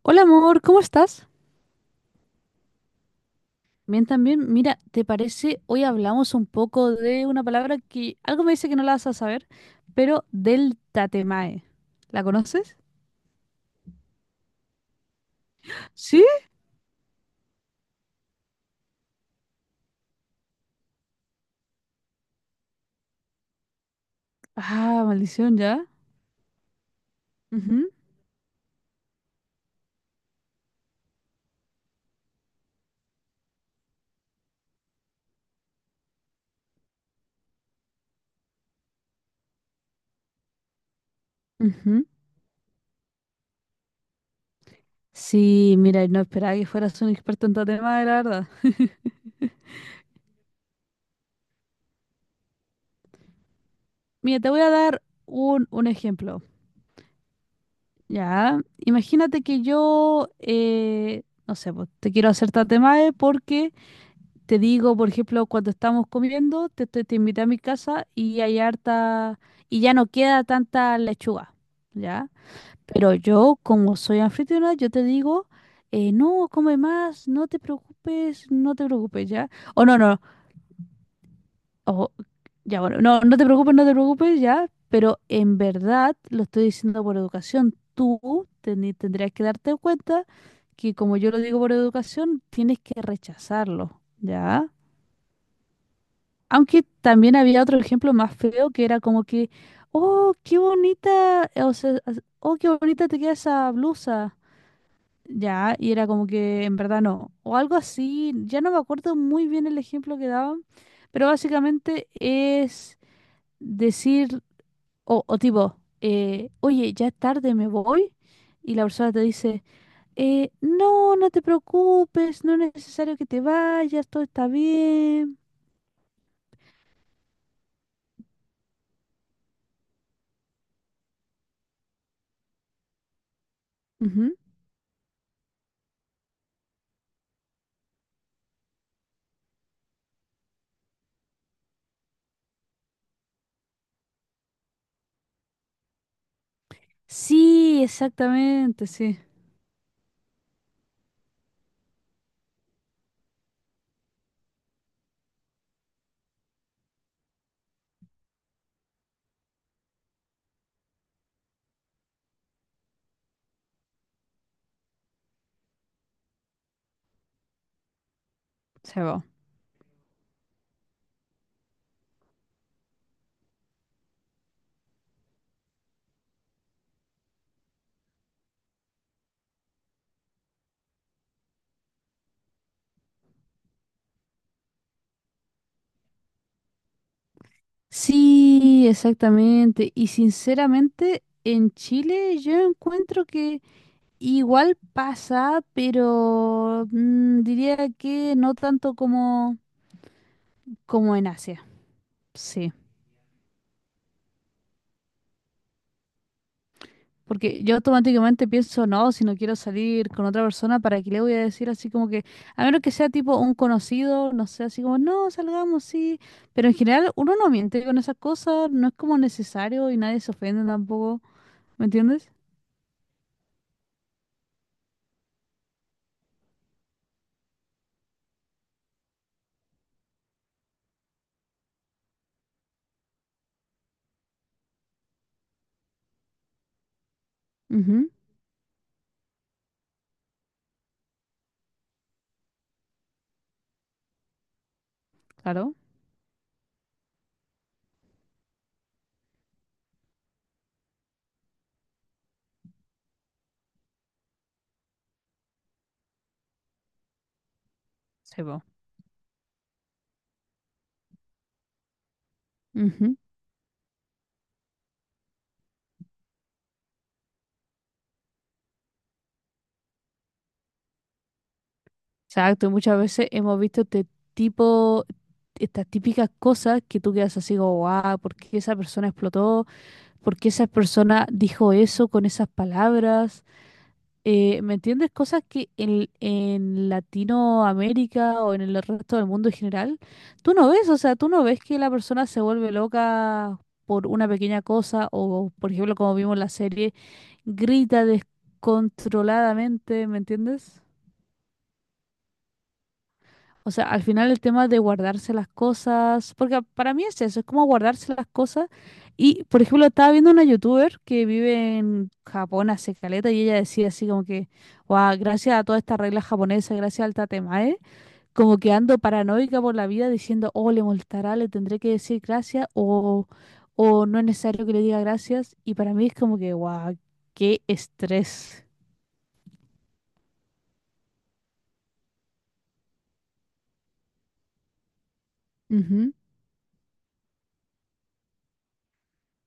Hola amor, ¿cómo estás? Bien, también. Mira, ¿te parece? Hoy hablamos un poco de una palabra que algo me dice que no la vas a saber, pero del tatemae. ¿La conoces? ¿Sí? Ah, maldición, ya. Ujú, ujú. Sí, mira, no esperaba que fueras un experto en tatemae, la verdad. Mira, te voy a dar un ejemplo. Ya, imagínate que yo, no sé, pues, te quiero hacer tatemae porque te digo, por ejemplo, cuando estamos comiendo, te invité a mi casa y hay harta, y ya no queda tanta lechuga, ¿ya? Pero yo, como soy anfitriona, yo te digo, no, come más, no te preocupes, no te preocupes, ¿ya? O no, no, o, ya, bueno, no, no te preocupes, no te preocupes, ¿ya? Pero en verdad, lo estoy diciendo por educación, tendrías que darte cuenta que como yo lo digo por educación, tienes que rechazarlo, ¿ya? Aunque también había otro ejemplo más feo que era como que, oh, qué bonita, o sea, oh, qué bonita te queda esa blusa. Ya, y era como que en verdad no. O algo así, ya no me acuerdo muy bien el ejemplo que daban, pero básicamente es decir, o tipo, oye, ya es tarde, me voy. Y la persona te dice, no, no te preocupes, no es necesario que te vayas, todo está bien. Ujú. Sí, exactamente, sí, se va. Sí, exactamente. Y sinceramente, en Chile yo encuentro que igual pasa, pero mm, diría que no tanto como, como en Asia. Sí. Porque yo automáticamente pienso, no, si no quiero salir con otra persona, ¿para qué le voy a decir así como que, a menos que sea tipo un conocido, no sé, así como, no, salgamos, sí? Pero en general uno no miente con esas cosas, no es como necesario y nadie se ofende tampoco, ¿me entiendes? Ujú, claro, se va. Ujú. Exacto, y muchas veces hemos visto este tipo, estas típicas cosas que tú quedas así como, wow, ¿por qué esa persona explotó? ¿Por qué esa persona dijo eso con esas palabras? ¿Me entiendes? Cosas que en Latinoamérica o en el resto del mundo en general, tú no ves, o sea, tú no ves que la persona se vuelve loca por una pequeña cosa o, por ejemplo, como vimos en la serie, grita descontroladamente, ¿me entiendes? O sea, al final el tema de guardarse las cosas, porque para mí es eso, es como guardarse las cosas. Y, por ejemplo, estaba viendo una youtuber que vive en Japón hace caleta y ella decía así como que, wow, gracias a toda esta regla japonesa, gracias al tatemae, como que ando paranoica por la vida diciendo, oh, le molestará, le tendré que decir gracias o no es necesario que le diga gracias. Y para mí es como que, wow, qué estrés. Ujú.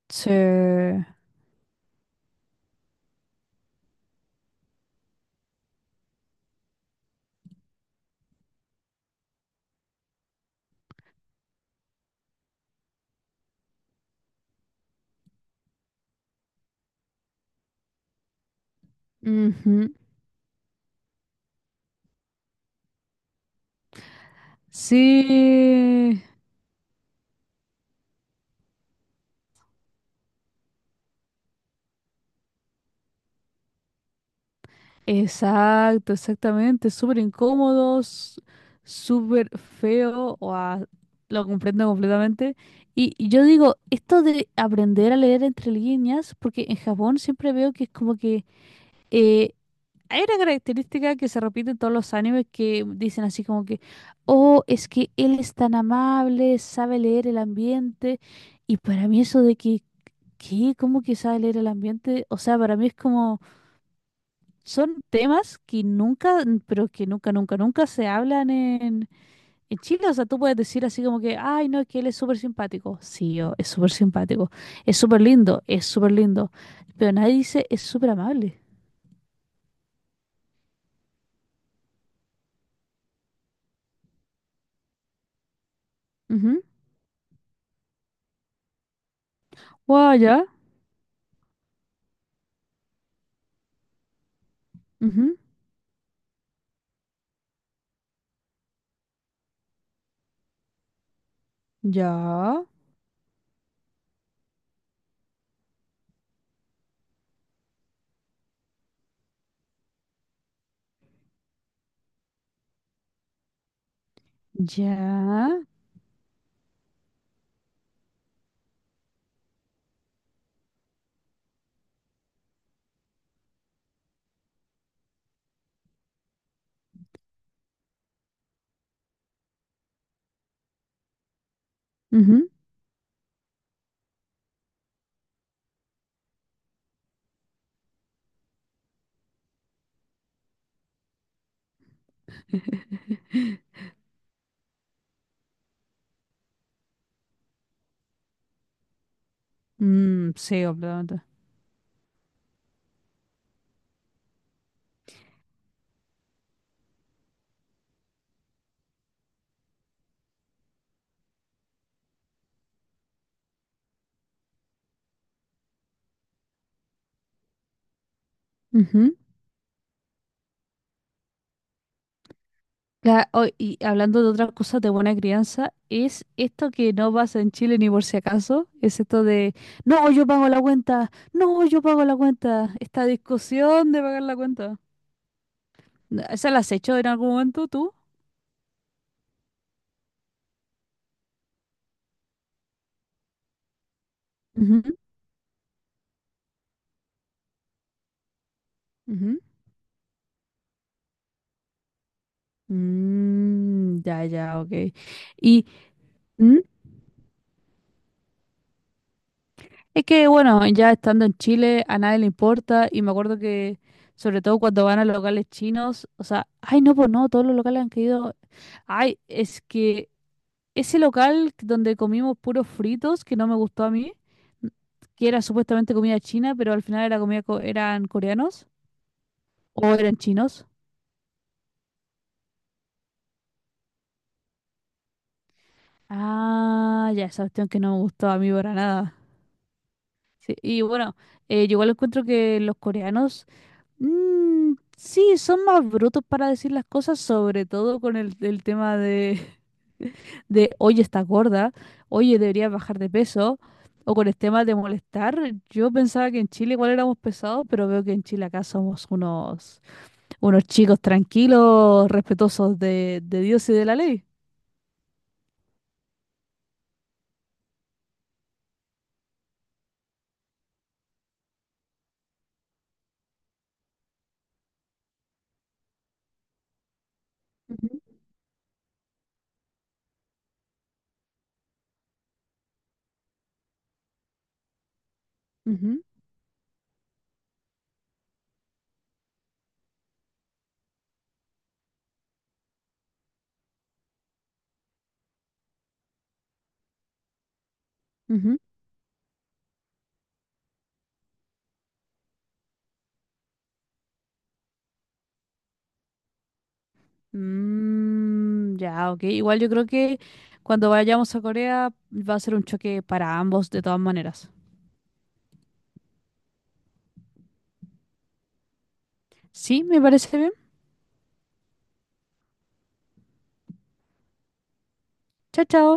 Sí. Ujú. Sí. Exacto, exactamente. Súper incómodos, súper feo. Guau, lo comprendo completamente. Y yo digo, esto de aprender a leer entre líneas, porque en Japón siempre veo que es como que eh, hay una característica que se repite en todos los animes que dicen así como que, oh, es que él es tan amable, sabe leer el ambiente. Y para mí eso de que, ¿qué? ¿Cómo que sabe leer el ambiente? O sea, para mí es como son temas que nunca, pero que nunca, nunca, nunca se hablan en Chile. O sea, tú puedes decir así como que, ay, no, es que él es súper simpático. Sí, es súper simpático. Es súper lindo, es súper lindo. Pero nadie dice, es súper amable. Ujú. Guau, ya. Ujú. Ya. Ya. Ujú. Mm, sí, completamente. Oh, y hablando de otras cosas de buena crianza, es esto que no pasa en Chile ni por si acaso, es esto de, no, yo pago la cuenta, no, yo pago la cuenta, esta discusión de pagar la cuenta. ¿Esa la has hecho en algún momento tú? Ujú, ujú. Mm, ya, ya, ok. Y mm, es que, bueno, ya estando en Chile a nadie le importa y me acuerdo que, sobre todo cuando van a locales chinos, o sea, ay, no, pues no, todos los locales han caído. Ay, es que... Ese local donde comimos puros fritos, que no me gustó a mí, que era supuestamente comida china, pero al final era eran coreanos o eran chinos. Ah, ya, esa cuestión que no me gustó a mí para nada. Sí, y bueno, yo igual encuentro que los coreanos mm, sí, son más brutos para decir las cosas, sobre todo el tema de, de, oye, estás gorda, oye, deberías bajar de peso, o con el tema de molestar. Yo pensaba que en Chile igual éramos pesados, pero veo que en Chile acá somos unos, unos chicos tranquilos, respetuosos de Dios y de la ley. Ujú, ujú, ujú. Mm, ya, ok. Igual yo creo que cuando vayamos a Corea va a ser un choque para ambos de todas maneras. Sí, me parece bien. Chao, chao.